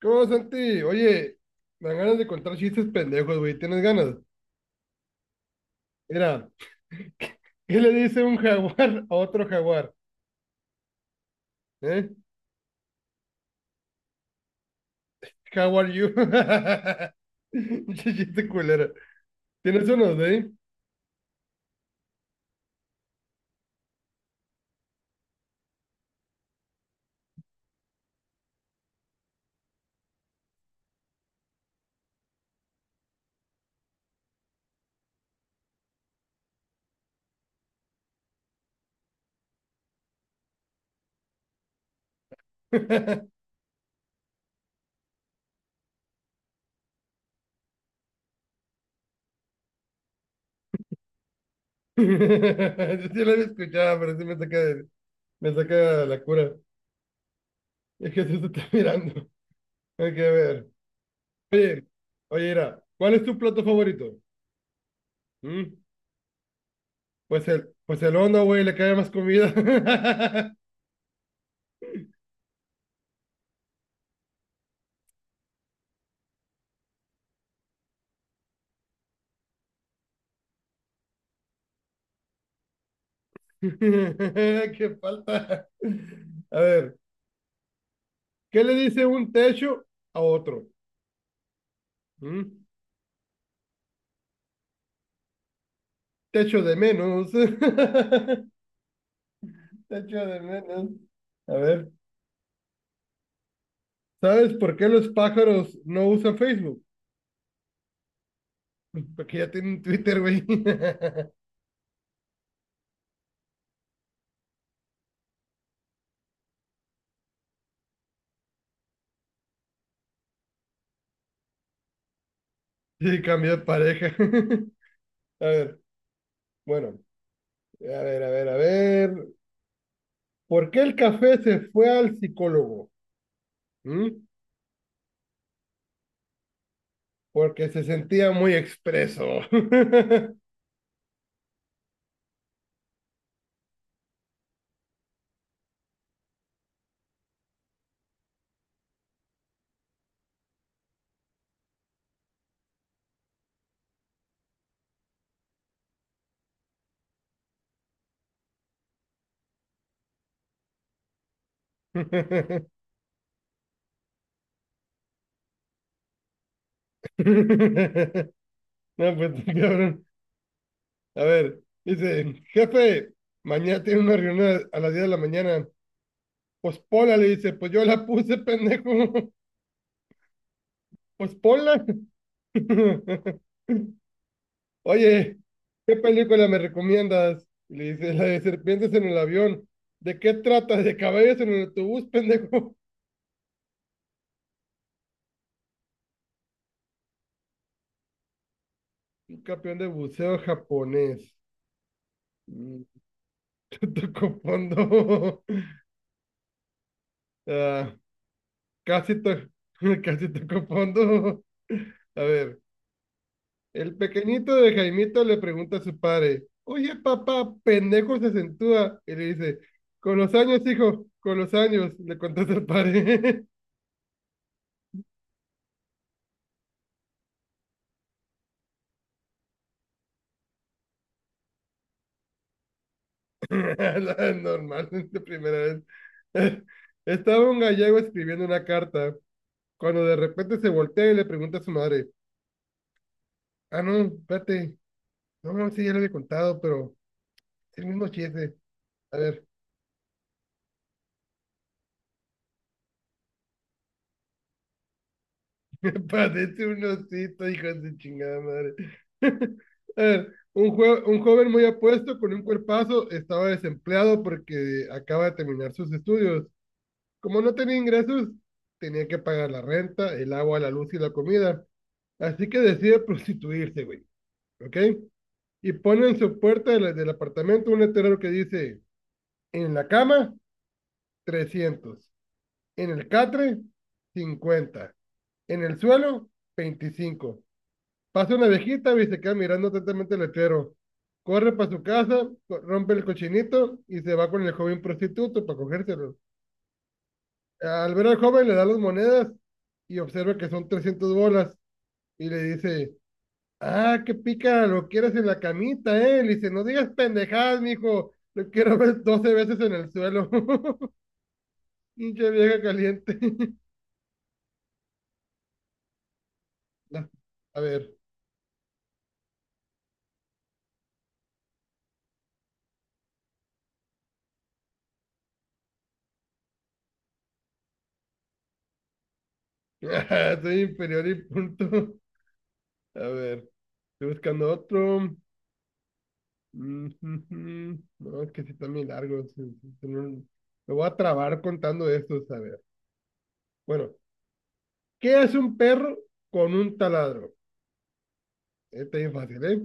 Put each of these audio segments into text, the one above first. ¿Cómo, Santi? Oye, me dan ganas de contar chistes pendejos, güey. ¿Tienes ganas? Mira, ¿qué le dice un jaguar a otro jaguar? ¿Eh? How are you? Pinche Chiste culero. ¿Tienes unos de Yo sí lo había escuchado, pero sí me saca, me saca de la cura. Es que se está mirando. Hay que ver. Oye, oye, mira, ¿cuál es tu plato favorito? ¿Mm? Pues el hondo, güey, le cae más comida. Qué falta. A ver, ¿qué le dice un techo a otro? ¿Mm? Techo de menos. Techo de menos. A ver, ¿sabes por qué los pájaros no usan Facebook? Porque ya tienen Twitter, güey. Y cambió de pareja. A ver, bueno, a ver, a ver, a ver. ¿Por qué el café se fue al psicólogo? ¿Mm? Porque se sentía muy expreso. No, pues, está cabrón. A ver, dice, jefe, mañana tiene una reunión a las 10 de la mañana. Pues ponla, le dice, pues yo la puse, pendejo. Pues ponla. Oye, ¿qué película me recomiendas? Y le dice, la de serpientes en el avión. ¿De qué trata? ¿De caballos en el autobús, pendejo? Un campeón de buceo japonés. Mm, Tocó fondo. Ah, casi, to- casi tocó fondo. A ver. El pequeñito de Jaimito le pregunta a su padre, oye papá, pendejo se acentúa. Y le dice, con los años, hijo, con los años, le contesta el padre. La Normal, de primera vez. Estaba un gallego escribiendo una carta, cuando de repente se voltea y le pregunta a su madre, ah, no, espérate, no, no, sí, ya lo había contado, pero es el mismo chiste. A ver, parece un osito, hijo de su chingada madre. Eh, un joven muy apuesto con un cuerpazo estaba desempleado porque acaba de terminar sus estudios. Como no tenía ingresos, tenía que pagar la renta, el agua, la luz y la comida. Así que decide prostituirse, güey. ¿Ok? Y pone en su puerta de del apartamento un letrero que dice, en la cama, 300 en el catre, 50 en el suelo, 25 Pasa una viejita y se queda mirando atentamente el letrero. Corre para su casa, rompe el cochinito y se va con el joven prostituto para cogérselo. Al ver al joven le da las monedas y observa que son 300 bolas y le dice, ah, qué pica, lo quieres en la camita, ¿eh? Le dice, no digas pendejadas, mijo, lo quiero ver 12 veces en el suelo. Pinche vieja caliente. La- A ver, soy inferior y punto. A ver, estoy buscando otro. Ujujú. No, es que sí están muy largos. Sí, sí, sí, Me voy a trabar contando esto, a ver. Bueno, ¿qué hace un perro con un taladro? Este es fácil, ¿eh?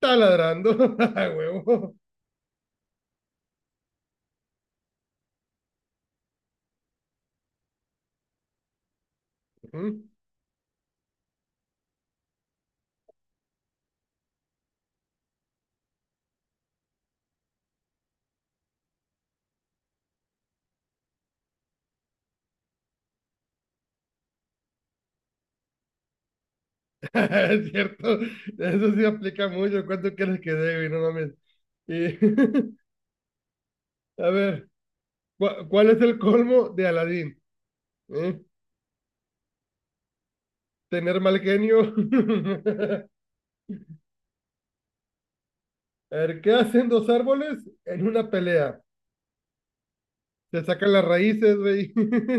Taladrando, a huevo. Ujú. Es cierto, eso sí aplica mucho. ¿Cuánto quieres que debe? No mames. Y, a ver, ¿cuál es el colmo de Aladín? ¿Eh? Tener mal genio. A ver, ¿qué hacen dos árboles en una pelea? Se sacan las raíces, güey.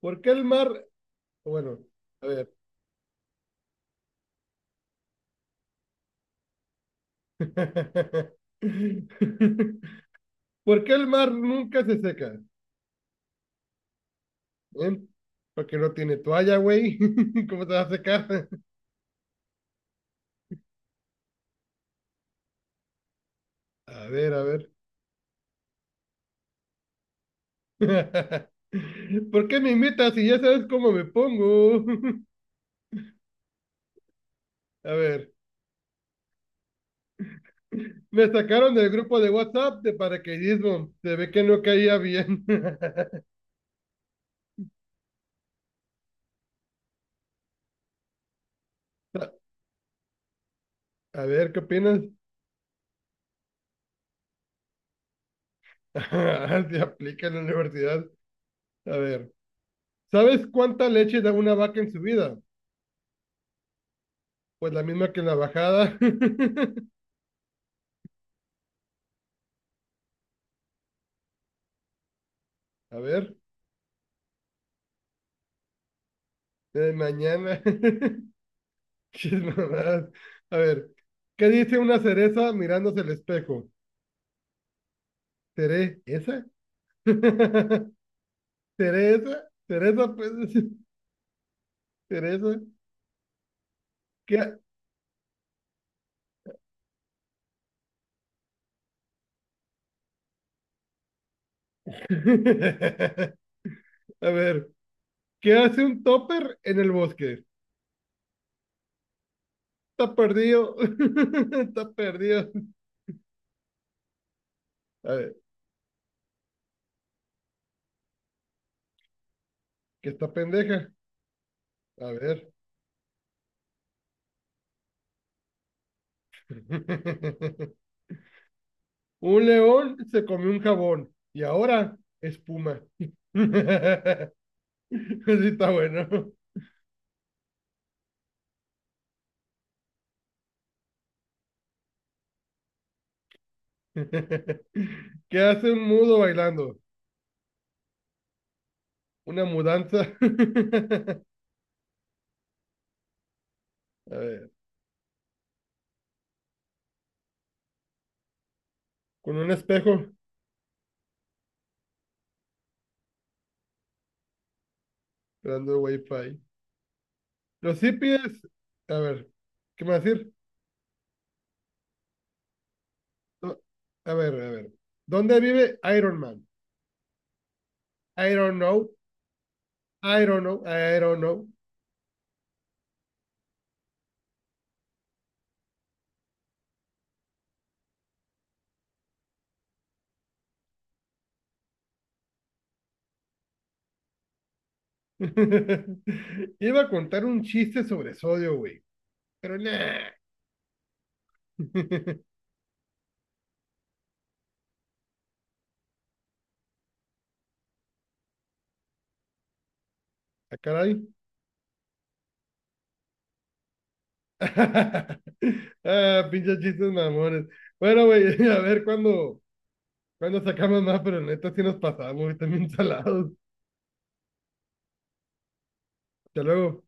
¿Por qué el mar? Bueno, a ver. ¿Por qué el mar nunca se seca? ¿Eh? Porque no tiene toalla, güey. ¿Cómo te va a secar? A ver, a ver. ¿Por qué me imitas si ya sabes cómo me pongo? A ver. Me sacaron del grupo de WhatsApp de paracaidismo. Se ve que no caía bien. A ver, ¿qué opinas? Se aplica en la universidad. A ver. ¿Sabes cuánta leche da una vaca en su vida? Pues la misma que en la bajada. A ver, mañana. Qué mamadas. A ver, ¿qué dice una cereza mirándose el espejo? ¿Seré esa? ¿Teresa? Cereza, Pues, cereza. ¿Qué? A ver, ¿qué hace un topper en el bosque? Está perdido. Está perdido. A ver, ¿qué está pendeja? A ver. Un león se comió un jabón y ahora espuma. Así está bueno. ¿Qué hace un mudo bailando? Una mudanza. A ver, con un espejo, esperando wifi. Los hippies, a ver, ¿qué me va a decir? No, A ver, a ver. ¿Dónde vive Iron Man? I don't know, I don't know, I don't know. Iba a contar un chiste sobre sodio, güey, pero nah. ¿A caray? Ah, pinches chistes mamones. Bueno, güey, a ver cuándo sacamos más, pero neta sí nos pasamos, güey, también salados. Hasta luego.